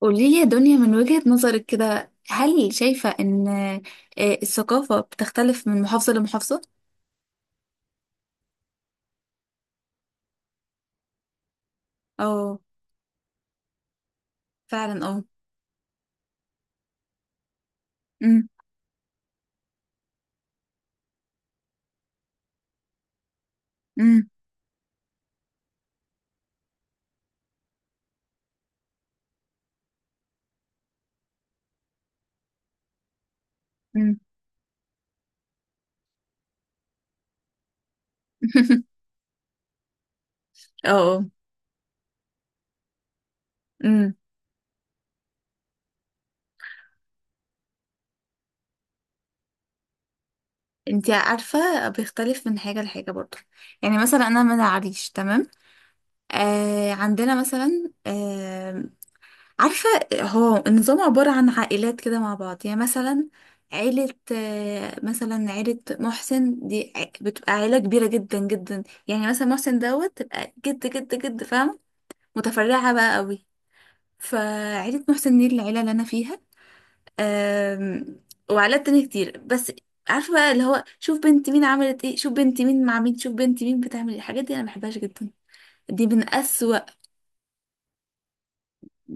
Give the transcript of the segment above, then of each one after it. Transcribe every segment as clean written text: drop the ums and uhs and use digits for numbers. قولي لي يا دنيا من وجهة نظرك كده، هل شايفة ان الثقافة بتختلف من محافظة لمحافظة؟ اه فعلا اه. امم. امم. امم. اه اه. امم. انتي عارفة بيختلف من حاجة لحاجة برضه، يعني مثلا انا من العريش، تمام. آه عندنا مثلا عارفة، هو النظام عبارة عن عائلات كده مع بعض. يعني مثلا عيلة مثلا عيلة محسن دي بتبقى عيلة كبيرة جدا جدا. يعني مثلا محسن دوت تبقى جد جد جد، فاهم. متفرعة بقى قوي. فعيلة محسن دي العيلة اللي أنا فيها. آم، وعائلات تانية كتير، بس عارفة بقى اللي هو شوف بنت مين عملت ايه، شوف بنت مين مع مين، شوف بنت مين بتعمل ايه. الحاجات دي أنا مبحبهاش جدا. دي من أسوأ.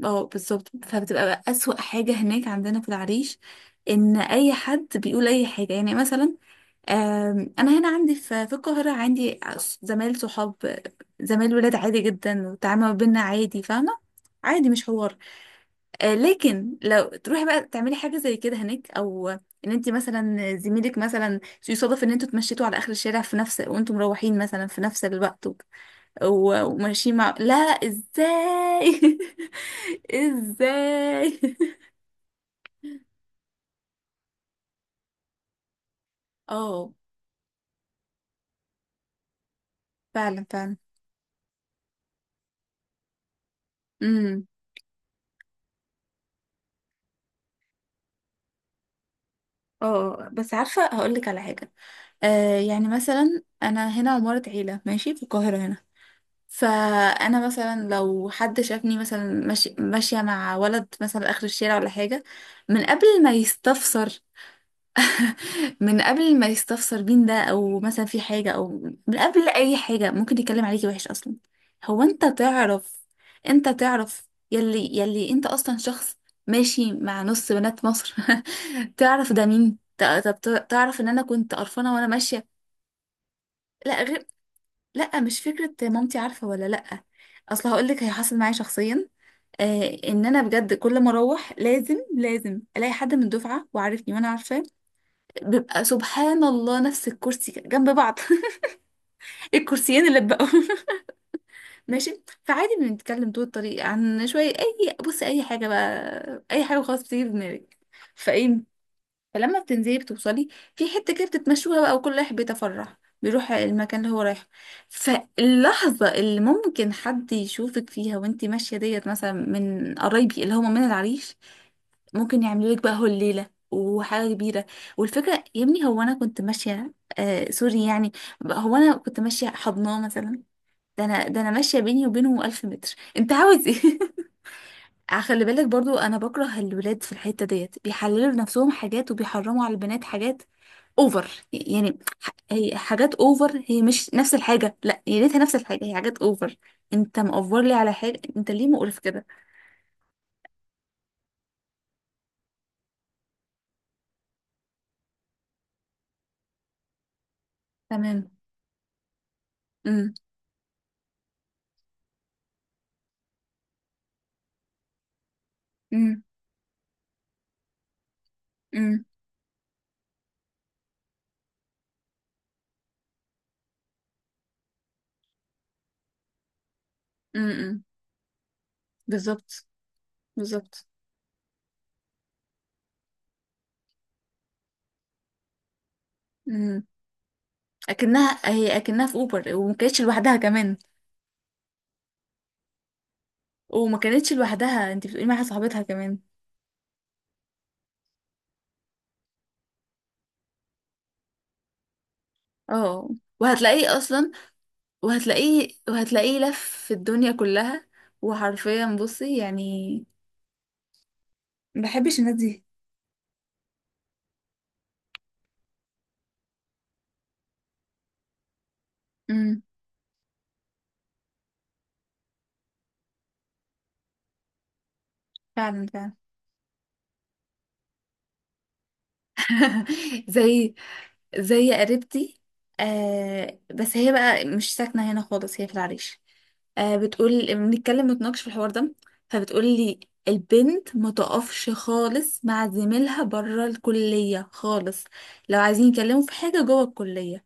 اه بالظبط، فبتبقى بقى أسوأ حاجة هناك عندنا في العريش، إن أي حد بيقول أي حاجة. يعني مثلا، أنا هنا عندي في القاهرة عندي زمايل صحاب، زمايل ولاد، عادي جدا والتعامل ما بينا عادي، فاهمة. عادي، مش حوار. لكن لو تروحي بقى تعملي حاجة زي كده هناك، أو إن أنت مثلا زميلك مثلا يصادف إن أنتوا اتمشيتوا على آخر الشارع في نفس وأنتوا مروحين مثلا في نفس الوقت وماشيين مع، لا ازاي. ازاي. اه فعلا فعلا. امم. اه بس عارفه هقول لك على حاجه. آه يعني مثلا انا هنا عماره عيله ماشي في القاهره هنا، فانا مثلا لو حد شافني مثلا ماشي ماشيه مع ولد مثلا اخر الشارع ولا حاجه، من قبل ما يستفسر. من قبل ما يستفسر بين ده او مثلا في حاجة او من قبل اي حاجة، ممكن يتكلم عليكي وحش اصلا. هو انت تعرف، انت تعرف يلي انت اصلا شخص ماشي مع نص بنات مصر. تعرف ده مين؟ تعرف ان انا كنت قرفانة وانا ماشية. لا غير، لا مش فكرة مامتي عارفة ولا لا. اصل هقولك هي، حصل معايا شخصيا. آه ان انا بجد كل ما اروح لازم لازم الاقي حد من الدفعة وعارفني وانا عارفاه. بيبقى سبحان الله نفس الكرسي جنب بعض. الكرسيين اللي بقوا. ماشي، فعادي بنتكلم طول الطريق عن شوية، أي بص، أي حاجة بقى، أي حاجة خلاص بتيجي في دماغك. فإيه، فلما بتنزلي بتوصلي في حتة كده بتتمشوها بقى، وكل واحد بيتفرح بيروح المكان اللي هو رايحه. فاللحظة اللي ممكن حد يشوفك فيها وانتي ماشية ديت مثلا من قرايبي اللي هما من العريش، ممكن يعملوا لك بقى هول ليله وحاجه كبيره. والفكره يا ابني هو انا كنت ماشيه، آه سوري. يعني هو انا كنت ماشيه حضناه مثلا؟ ده انا ماشيه بيني وبينه 1000 متر. انت عاوز ايه؟ خلي بالك برضو انا بكره الولاد في الحته ديت، بيحللوا لنفسهم حاجات وبيحرموا على البنات حاجات. اوفر. يعني هي حاجات اوفر، هي مش نفس الحاجه، لا هي ليتها نفس الحاجه، هي حاجات اوفر. انت مأوفر لي على حاجه؟ انت ليه مقرف كده؟ تمام. امم. امم. امم. امم. بالظبط. بالظبط. امم. اكنها هي، اكنها في اوبر، وما كانتش لوحدها كمان. وما كانتش لوحدها، انت بتقولي معاها صاحبتها كمان. اه وهتلاقيه اصلا، وهتلاقيه، وهتلاقيه لف في الدنيا كلها. وحرفيا بصي، يعني ما بحبش الناس دي. امم فعلا فعلا. زي، زي قريبتي. آه بس هي بقى مش ساكنة هنا خالص، هي في العريش. آه بتقول بنتكلم نتناقش في الحوار ده، فبتقول لي البنت ما تقفش خالص مع زميلها بره الكلية خالص. لو عايزين يتكلموا في حاجة جوه الكلية،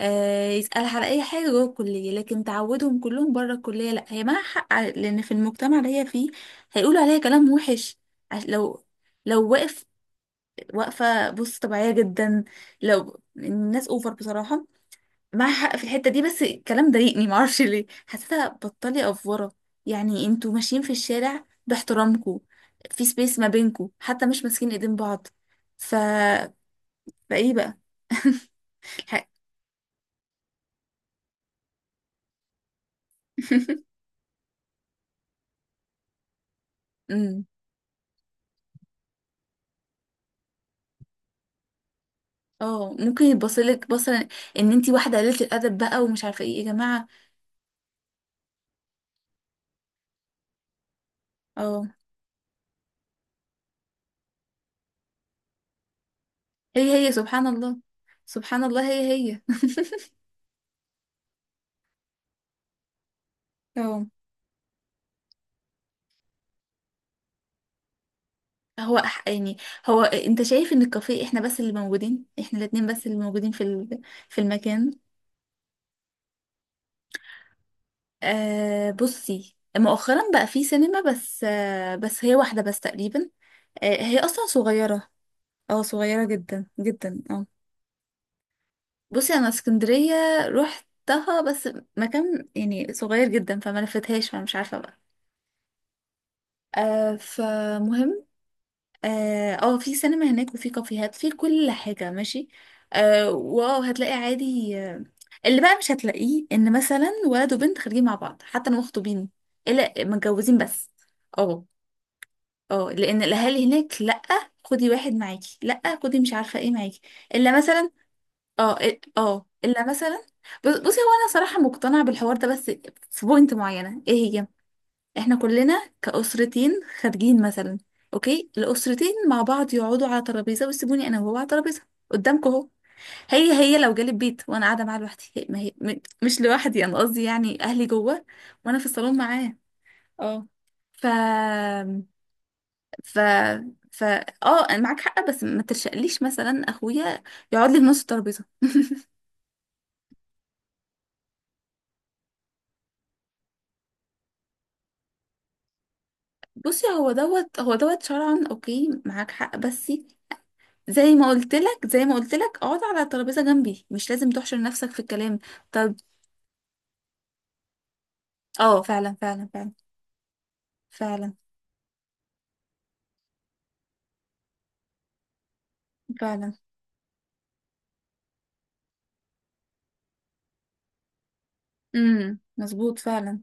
آه يسألها على أي حاجة جوه الكلية، لكن تعودهم كلهم بره الكلية لا. هي معاها حق لأن في المجتمع اللي هي فيه هيقولوا عليها كلام وحش. لو، لو واقف، واقفة بص طبيعية جدا. لو الناس اوفر بصراحة، معاها حق في الحتة دي. بس الكلام ضايقني، معرفش ليه، حسيتها بطلي افورة. يعني انتوا ماشيين في الشارع باحترامكم، في سبيس ما بينكم، حتى مش ماسكين ايدين بعض. ف فايه بقى. الحق. أمم. اه ممكن يتبصلك بصلا ان انتي واحدة قليلة الادب بقى، ومش عارفة ايه يا جماعة. اه، هي هي سبحان الله. سبحان الله هي هي. اه. هو يعني هو انت شايف ان الكافيه احنا بس اللي موجودين، احنا الاتنين بس اللي موجودين في المكان؟ آه بصي، مؤخرا بقى في سينما، بس آه بس هي واحدة بس تقريبا. آه هي اصلا صغيرة. اه صغيرة جدا جدا اه. بصي انا اسكندرية روحتها بس، مكان يعني صغير جدا، فما لفتهاش، فمش عارفة بقى. آه فمهم. اه في سينما هناك وفي كافيهات، في كل حاجة، ماشي. آه واو، هتلاقي عادي. اللي بقى مش هتلاقيه ان مثلا ولد وبنت خارجين مع بعض، حتى لو مخطوبين، الا متجوزين بس. اه اه، لان الاهالي هناك لا، خدي واحد معاكي، لا خدي مش عارفة ايه معاكي. الا مثلا، اه. اه الا مثلا، بصي هو انا صراحة مقتنعة بالحوار ده، بس في بوينت معينة، ايه هي؟ احنا كلنا كأسرتين خارجين مثلا، اوكي الأسرتين مع بعض يقعدوا على ترابيزة ويسيبوني انا وهو على ترابيزة قدامكم اهو. هي هي، لو جالي البيت وانا قاعدة معاه لوحدي، هي ما هي مش لوحدي، انا قصدي يعني اهلي جوه وانا في الصالون معاه. اه. ف ف ف اه انا معاك حق، بس ما ترشقليش مثلا اخويا يقعد لي في نص الترابيزة. بصي هو دوت شرعا اوكي معاك حق، بس زي ما قلت لك اقعد على الترابيزه جنبي، مش لازم تحشر نفسك في الكلام. طب، اه فعلا فعلا فعلا. فعلا. فعلا. مظبوط فعلا.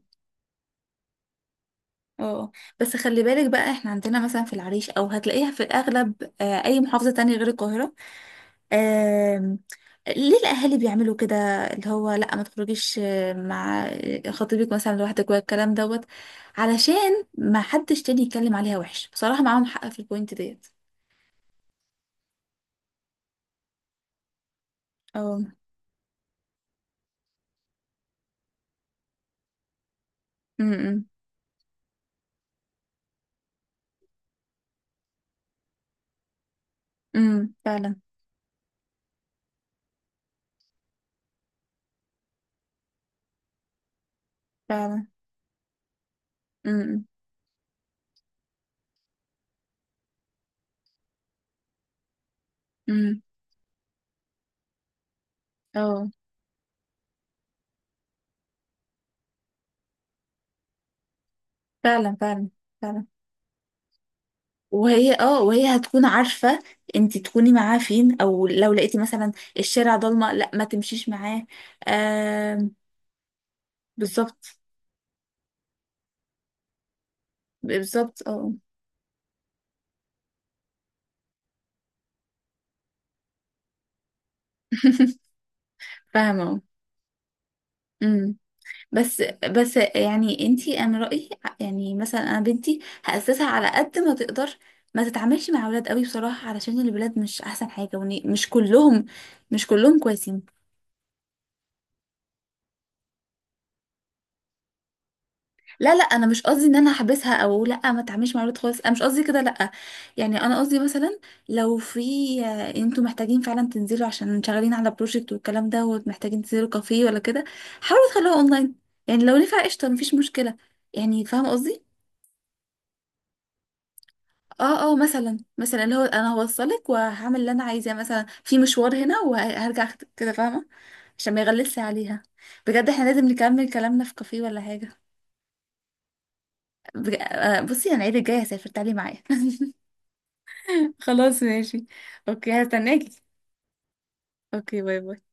اه بس خلي بالك بقى، احنا عندنا مثلا في العريش او هتلاقيها في الاغلب آه اي محافظه تانية غير القاهره، آم، ليه الاهالي بيعملوا كده؟ اللي هو لا ما تخرجيش مع خطيبك مثلا لوحدك والكلام دوت، علشان ما حدش تاني يتكلم عليها وحش. بصراحه معاهم حق في البوينت ديت. اه. امم، امم. فعلا فعلا. امم. امم. اه فعلا فعلا فعلا. وهي اه وهي هتكون عارفة انت تكوني معاه فين، او لو لقيتي مثلا الشارع ضلمة لا ما تمشيش معاه. آه، بالظبط. بالظبط اه. فاهمة اه. امم. بس بس يعني انت، انا رأيي يعني مثلا انا بنتي هأسسها على قد ما تقدر ما تتعاملش مع اولاد قوي، بصراحة علشان الولاد مش احسن حاجة، ومش كلهم، مش كلهم كويسين. لا لا انا مش قصدي ان انا هحبسها او لا ما تعملش مع الولاد خالص، انا مش قصدي كده لا. يعني انا قصدي مثلا، لو في انتوا محتاجين فعلا تنزلوا عشان شغالين على بروجكت والكلام ده، ومحتاجين تنزلوا كافيه ولا كده، حاولوا تخلوها اونلاين. يعني لو نفع قشطه، مفيش مشكله، يعني فاهمه قصدي. اه اه، مثلا مثلا اللي هو انا هوصلك وهعمل اللي انا عايزاه مثلا في مشوار هنا وهرجع كده، فاهمه، عشان ما يغلسش عليها. بجد احنا لازم نكمل كلامنا في كافيه ولا حاجه. آه، بصي انا العيد الجاي هسافر، تعالي معايا. خلاص ماشي. اوكي هستناكي. اوكي باي باي.